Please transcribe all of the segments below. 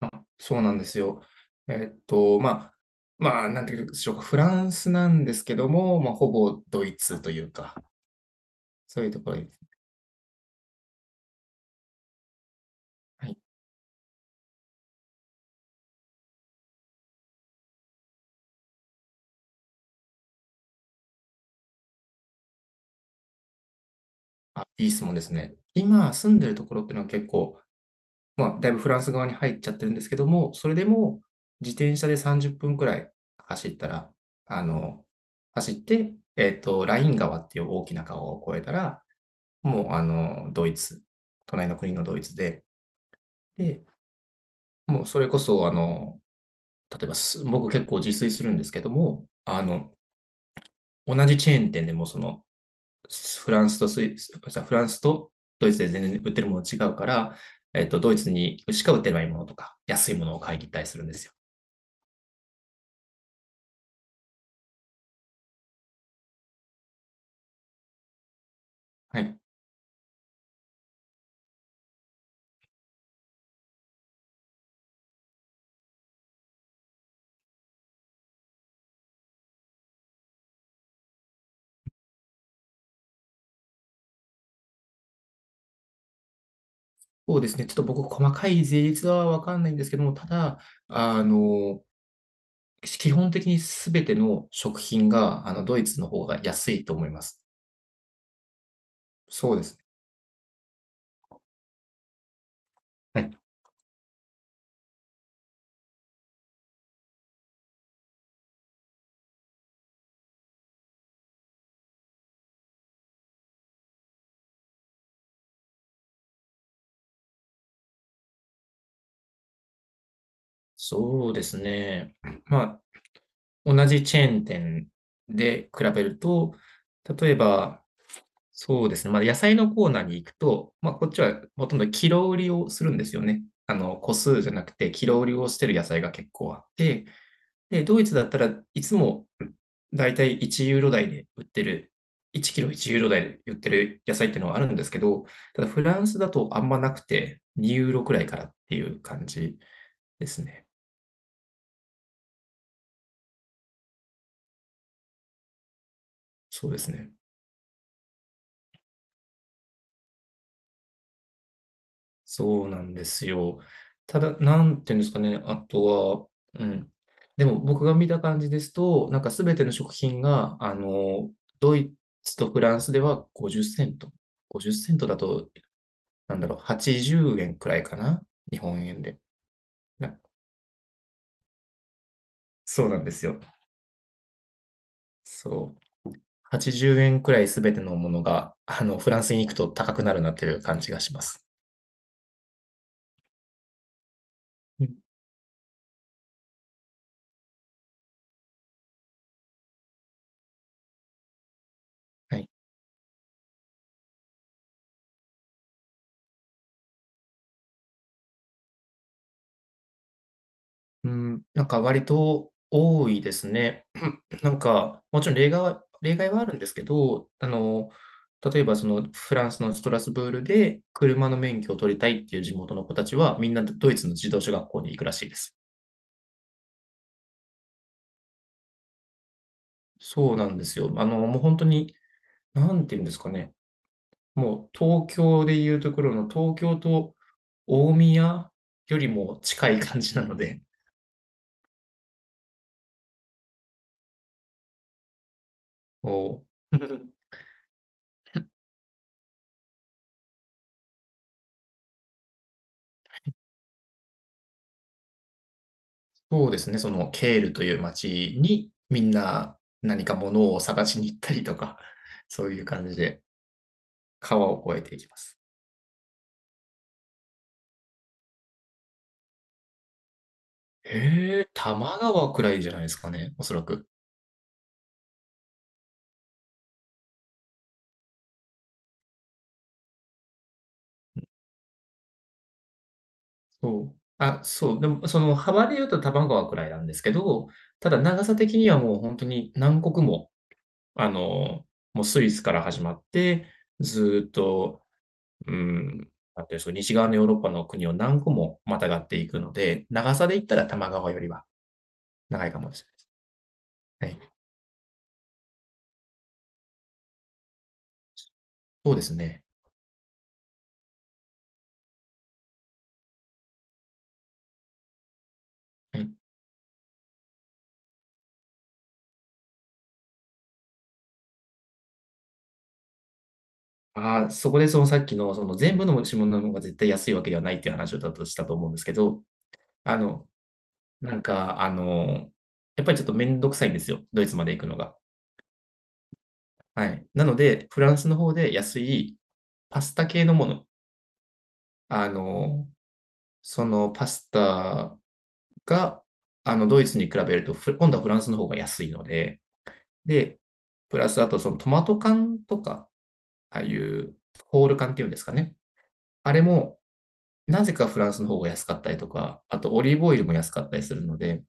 あ、そうなんですよ。えっと、まあ、なんていうんでしょうか、フランスなんですけども、まあ、ほぼドイツというか、そういうところに、はい、あ、いい質問ですね。今住んでるところっていうのは結構、まあ、だいぶフランス側に入っちゃってるんですけども、それでも自転車で30分くらい走ったら、あの、走って、えっと、ライン川っていう大きな川を越えたら、もう、ドイツ、隣の国のドイツで、で、もうそれこそ、例えばす、僕結構自炊するんですけども、同じチェーン店でもその、フランスとドイツで全然売ってるもの違うから、えっと、ドイツにしか売ってないものとか、安いものを買いに行ったりするんですよ。はい。そうですね。ちょっと僕、細かい税率はわかんないんですけども、ただ、あの、基本的にすべての食品が、ドイツの方が安いと思います。そうですね。はい。そうですね。まあ、同じチェーン店で比べると、例えば、そうですね、まあ、野菜のコーナーに行くと、まあ、こっちはほとんどキロ売りをするんですよね。個数じゃなくて、キロ売りをしてる野菜が結構あって、で、ドイツだったらいつもだいたい1ユーロ台で売ってる、1キロ1ユーロ台で売ってる野菜っていうのはあるんですけど、ただフランスだとあんまなくて、2ユーロくらいからっていう感じですね。そうですね。そうなんですよ。ただ、なんていうんですかね、あとは、うん。でも僕が見た感じですと、なんかすべての食品が、ドイツとフランスでは50セント。50セントだと、なんだろう、80円くらいかな、日本円で。なそうなんですよ。そう。80円くらいすべてのものが、フランスに行くと高くなるなという感じがします。うん、はい。うん、なんか割と多いですね。なんか、もちろん例外はあるんですけど、例えばそのフランスのストラスブールで車の免許を取りたいっていう地元の子たちは、みんなドイツの自動車学校に行くらしいです。そうなんですよ。あの、もう本当になんていうんですかね、もう東京でいうところの東京と大宮よりも近い感じなので、もう そうですね、そのケールという町にみんな何か物を探しに行ったりとか、そういう感じで川を越えていきます。へえ、多摩川くらいじゃないですかね、おそらく。そう。あ、そう、でもその幅で言うと多摩川くらいなんですけど、ただ長さ的にはもうほんとに何国も、あの、もうスイスから始まって、ずっと、うーん、なんていうんす西側のヨーロッパの国を何個もまたがっていくので、長さで言ったら多摩川よりは長いかもです。はい、そうですね。はい。ああ、そこでそのさっきの、その全部の持ち物の方が絶対安いわけではないっていう話をだとしたと思うんですけど、あの、なんか、あの、やっぱりちょっとめんどくさいんですよ、ドイツまで行くのが。はい。なので、フランスの方で安いパスタ系のもの、あの、そのパスタが、あの、ドイツに比べると、今度はフランスの方が安いので、で、プラスあとそのトマト缶とか、ああいうホール缶っていうんですかね。あれもなぜかフランスの方が安かったりとか、あとオリーブオイルも安かったりするので、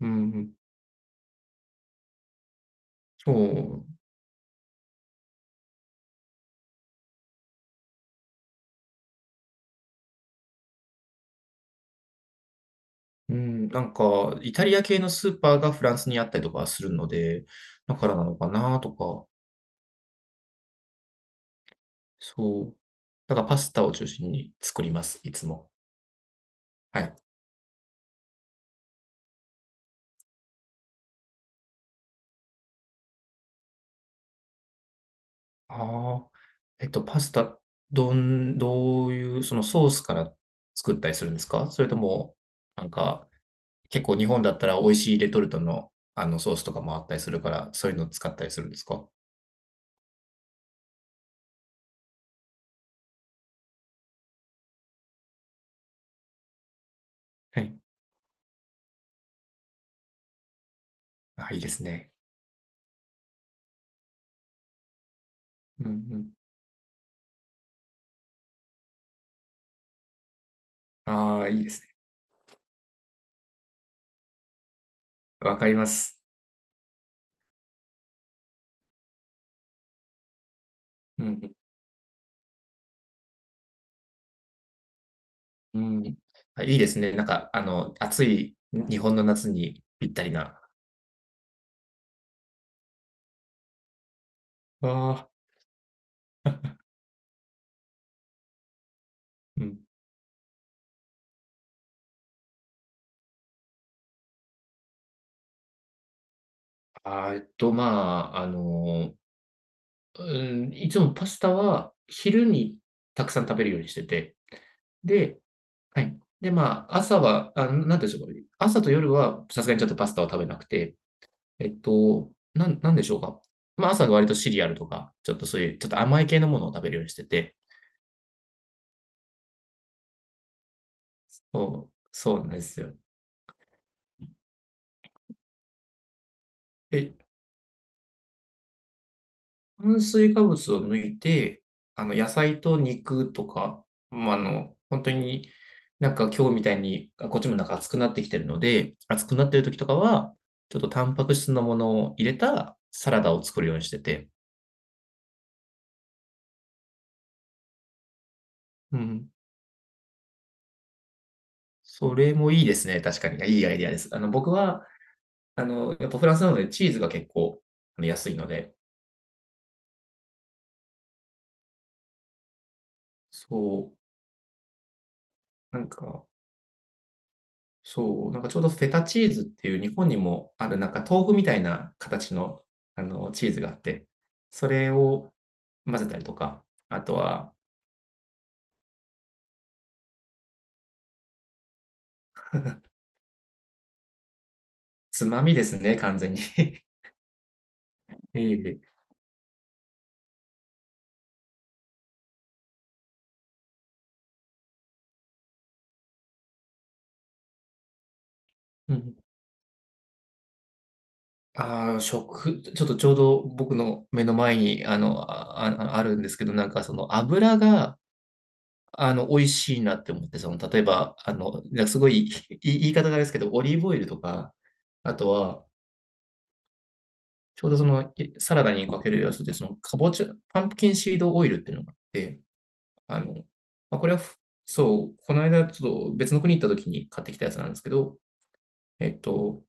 うん、そなんか、イタリア系のスーパーがフランスにあったりとかするので、だからなのかなとか、そう。だからパスタを中心に作ります、いつも。はい。ああ、えっと、パスタ、どういう、そのソースから作ったりするんですかそれとも、なんか、結構日本だったら美味しいレトルトの、あのソースとかもあったりするから、そういうのを使ったりするんですかはい。あ、いいですね。うんうん。ああ、いいですね。わかります。うんうん。うん。あ、いいですね。なんか、暑い日本の夏にぴったりな。ああ、うん。あー、えっと、まあ、あの、ういつもパスタは昼にたくさん食べるようにしてて、ではい。で、まあ、朝は、あ、なんていうんでしょうかね朝と夜はさすがにちょっとパスタは食べなくて、えっと、なんなんでしょうか。まあ、朝は割とシリアルとか、ちょっとそういうちょっと甘い系のものを食べるようにしててそうなんですよ。え、炭水化物を抜いて、野菜と肉とか、本当に、なんか今日みたいに、あ、こっちもなんか暑くなってきてるので、暑くなってる時とかは、ちょっとタンパク質のものを入れたサラダを作るようにしてて。うん。それもいいですね、確かに。いいアイディアです。あの、僕は、あの、やっぱフランスなのでチーズが結構、安いので、そう、なんかそう、なんかちょうどフェタチーズっていう日本にもあるなんか豆腐みたいな形の、チーズがあって、それを混ぜたりとか、あとはつまみですね、完全に。ええ。うん。ちょっとちょうど僕の目の前に、ああるんですけど、なんかその油が、美味しいなって思って、その例えば、なんかすごい、言い方があれですけど、オリーブオイルとか、あとはちょうどそのサラダにかけるやつで、そのかぼちゃ、パンプキンシードオイルっていうのがあって、あの、これはそう、この間ちょっと別の国行った時に買ってきたやつなんですけど、えっと、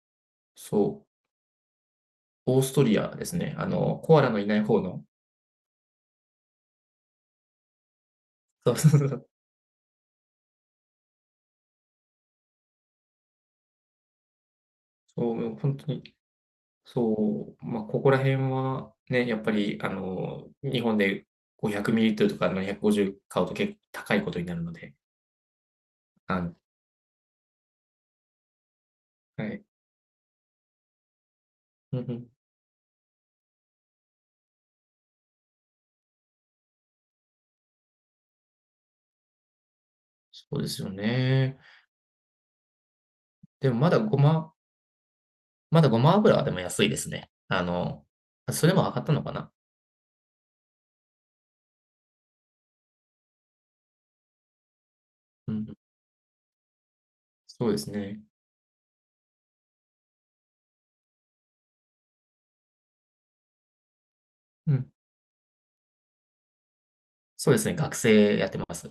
そう、オーストリアですね。あの、コアラのいない方の、そうそうそう、そう本当に、そう、まあ、ここら辺はね、やっぱり、あの、日本で500ミリリットルとか750買うと結構高いことになるので、あの、はい。うんうんそうですよね。でもまだごままだごま油はでも安いですね。あの、それも上がったのかなうん、そうですね。うん、そうですね、学生やってます。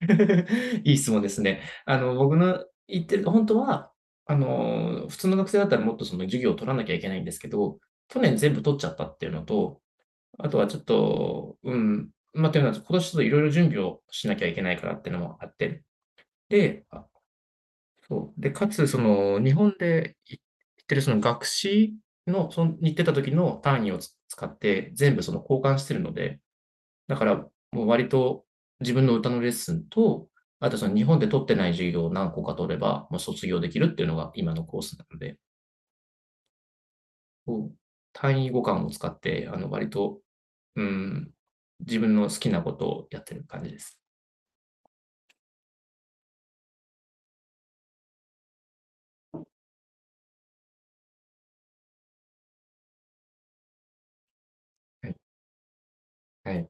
いい質問ですね。あの、僕の言ってる本当は、普通の学生だったらもっとその授業を取らなきゃいけないんですけど、去年全部取っちゃったっていうのと、あとはちょっと、うん、まあ、というのは、今年ちょっといろいろ準備をしなきゃいけないからっていうのもあって、で、そう。で、かつ、その、日本でい行ってるその学士の、その、に行ってた時の単位を使って、全部その交換してるので、だからもう割と自分の歌のレッスンと、あとその日本で取ってない授業を何個か取れば、もう卒業できるっていうのが今のコースなので、こう単位互換を使って、割と、うん、自分の好きなことをやってる感じです。はい。はい